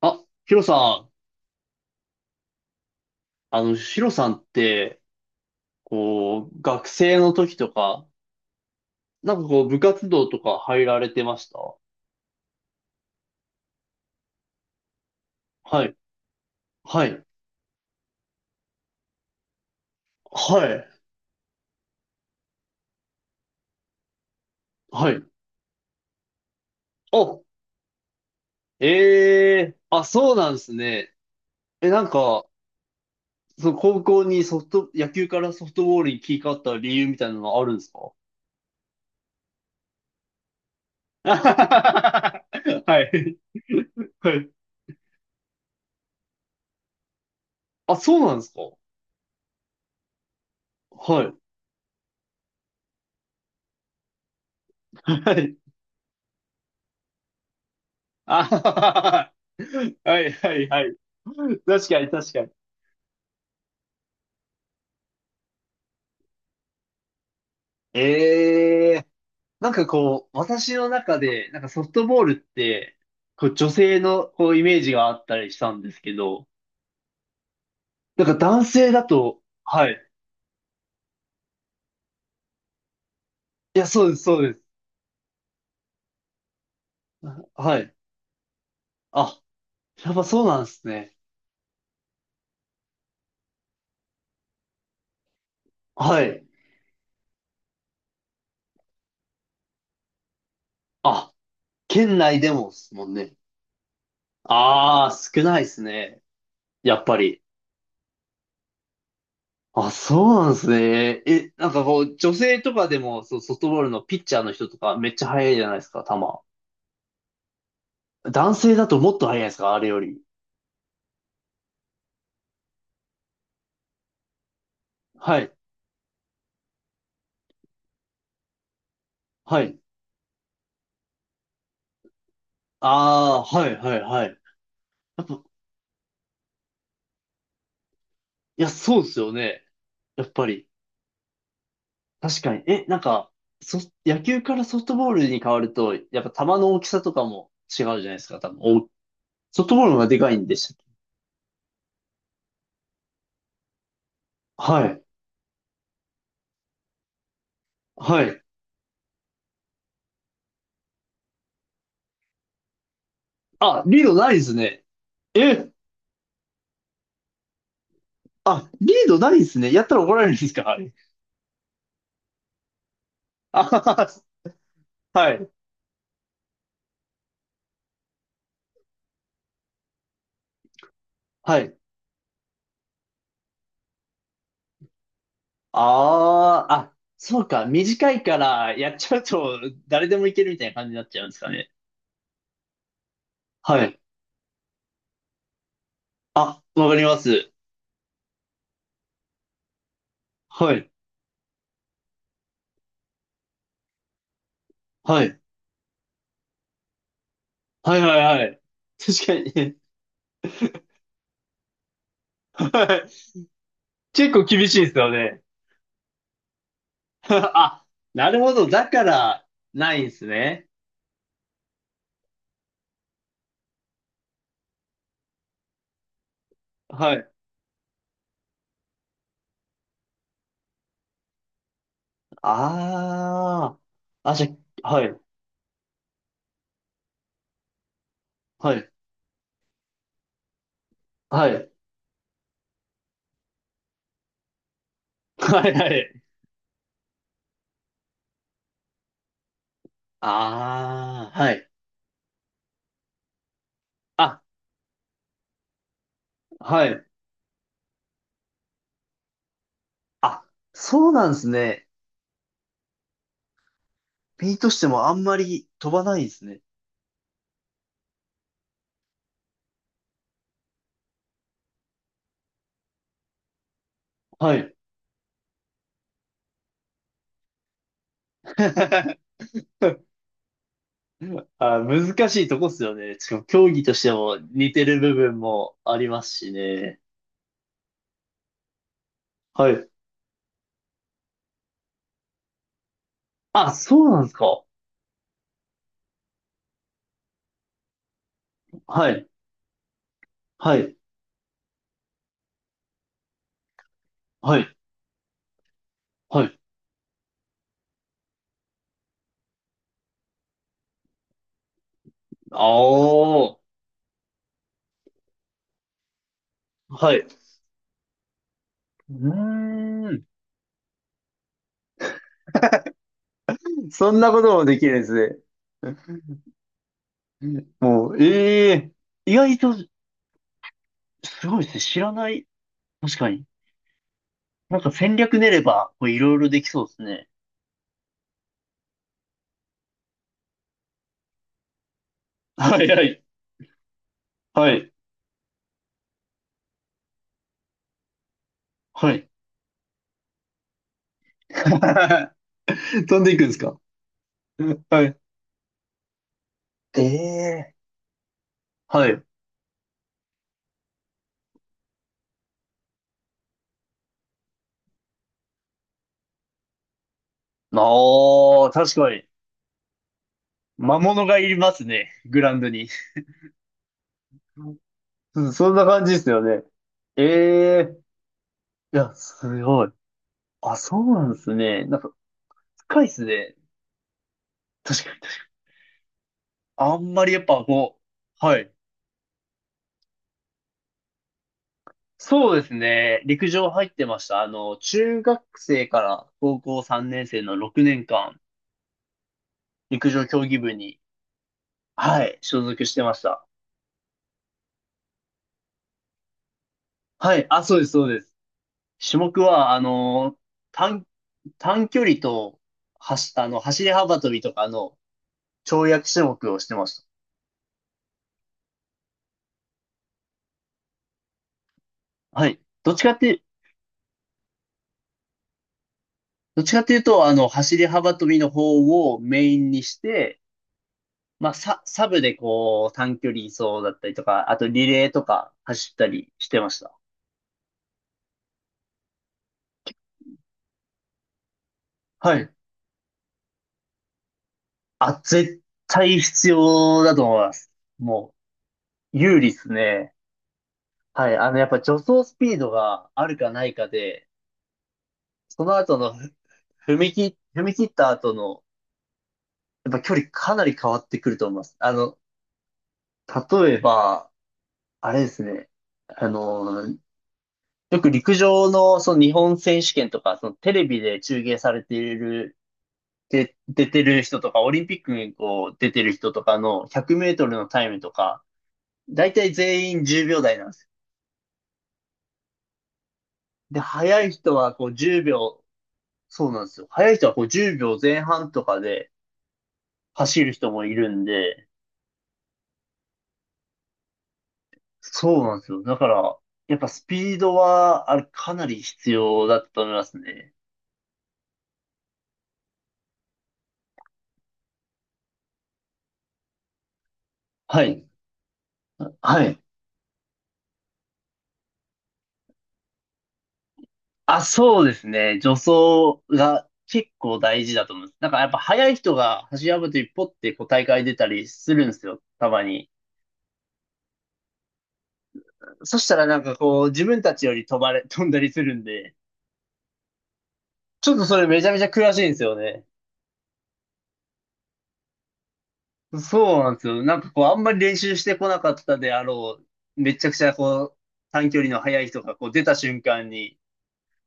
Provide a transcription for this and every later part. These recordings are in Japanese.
あ、ヒロさん、あの、ヒロさんって、こう、学生の時とか、なんかこう、部活動とか入られてました？はい、はい、はい、はい。お、ええ。あ、そうなんですね。え、なんか、その高校にソフト、野球からソフトボールに切り替わった理由みたいなのはあるんですか？ はい。はい。あ、そうなんですか？はい。はい。あははは。はいはいはい。確かに確かに。ええ。なんかこう、私の中で、なんかソフトボールって、こう女性のこうイメージがあったりしたんですけど、なんか男性だと、はい。いや、そうです、そうです。はい。あ、やっぱそうなんですね。はい。あ、県内でもですもんね。ああ、少ないですね。やっぱり。あ、そうなんですね。え、なんかこう、女性とかでも、そう、ソフトボールのピッチャーの人とかめっちゃ速いじゃないですか、球。男性だともっと速いですか、あれより？はい、はい。ああ、はい、はい、はい。やっぱ、いや、そうですよね。やっぱり。確かに。え、なんか、そ、野球からソフトボールに変わると、やっぱ球の大きさとかも違うじゃないですか、多分。お、ソフトボールの方がでかいんでしたっけ？はい、はい。あ、リードないですね。え、あ、リードないですね。やったら怒られるんですか、あれ？あはは。はい。はい。ああ、あ、そうか。短いからやっちゃうと誰でもいけるみたいな感じになっちゃうんですかね。はい。あ、わかります。はい。はい。はいはいはい。確かに。はい。結構厳しいですよね。あ、なるほど。だから、ないんですね。はい。ああ。あ、じゃ、はい。はい。はい。はいはい。ああ、はい。あ、はい。あ、そうなんですね。身としてもあんまり飛ばないですね。はい。あ、難しいとこっすよね。しかも競技としても似てる部分もありますしね。はい。あ、そうなんですか。はい。はい。はい。はい。あー。はい。うーん。そんなこともできるんですね。もう、ええ。意外とすごいですね。知らない。確かに。なんか戦略練れば、こういろいろできそうですね。はいはい。はい。はい。飛んでいくんですか？はい。ええ。はい。ああ、確かに。魔物がいますね。グラウンドに。うん。そんな感じですよね。ええ。いや、すごい。あ、そうなんですね。なんか、深いですね。確かに。あんまりやっぱこう、はい。そうですね。陸上入ってました。あの、中学生から高校3年生の6年間、陸上競技部に、はい、所属してました。はい。あ、そうです、そうです。種目は、あの、短、短距離と、あの、走り幅跳びとかの跳躍種目をしてました。はい。どっちかっていうと、あの、走り幅跳びの方をメインにして、まあ、サブでこう、短距離走だったりとか、あとリレーとか走ったりしてました。はい。あ、絶対必要だと思います。もう、有利ですね。はい。あの、やっぱ助走スピードがあるかないかで、その後の踏み切った後の、やっぱ距離かなり変わってくると思います。あの、例えば、あれですね。あの、よく陸上のその日本選手権とか、そのテレビで中継されている、で、出てる人とか、オリンピックにこう出てる人とかの100メートルのタイムとか、だいたい全員10秒台なんですよ。で、速い人はこう10秒、そうなんですよ。速い人はこう10秒前半とかで走る人もいるんで、そうなんですよ。だから、やっぱスピードは、あれ、かなり必要だったと思いますね。はい。はい。あ、そうですね。助走が結構大事だと思います。なんかやっぱ速い人が走り幅跳びポッてこう大会出たりするんですよ。たまに。そしたらなんかこう自分たちより飛ばれ、飛んだりするんで、ちょっとそれめちゃめちゃ悔しいんですよね。そうなんですよ。なんかこうあんまり練習してこなかったであろう、めちゃくちゃこう短距離の速い人がこう出た瞬間に、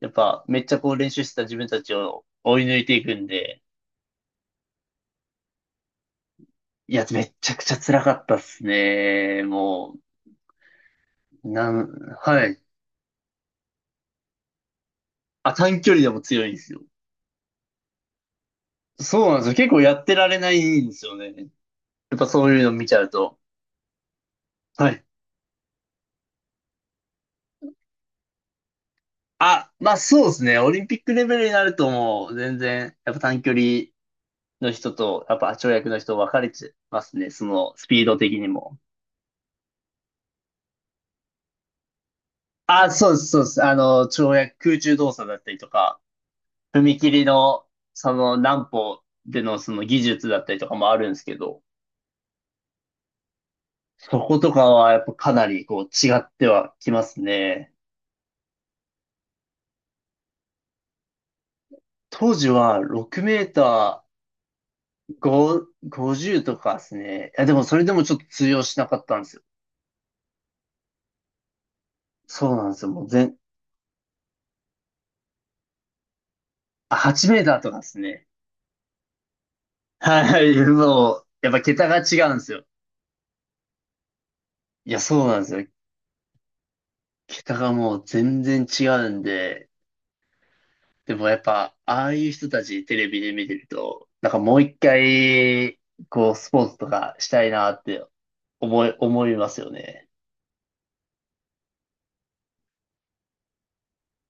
やっぱめっちゃこう練習してた自分たちを追い抜いていくんで、いや、めっちゃくちゃ辛かったっすね。もう、はい。あ、短距離でも強いんですよ。そうなんですよ。結構やってられないんですよね。やっぱそういうの見ちゃうと。はい。あ、まあそうですね。オリンピックレベルになるともう全然、やっぱ短距離の人と、やっぱ跳躍の人分かれてますね。そのスピード的にも。あ、そうです、そうです。あの、跳躍、空中動作だったりとか、踏切の、その何歩でのその技術だったりとかもあるんですけど、そことかはやっぱかなりこう違ってはきますね。当時は6メーター5、50とかですね。いやでもそれでもちょっと通用しなかったんですよ。そうなんですよ。もうあ8メーターとかですね。はい、もう、やっぱ桁が違うんですよ。いや、そうなんですよ。桁がもう全然違うんで、でもやっぱ、ああいう人たちテレビで見てると、なんかもう一回、こう、スポーツとかしたいなって思いますよね。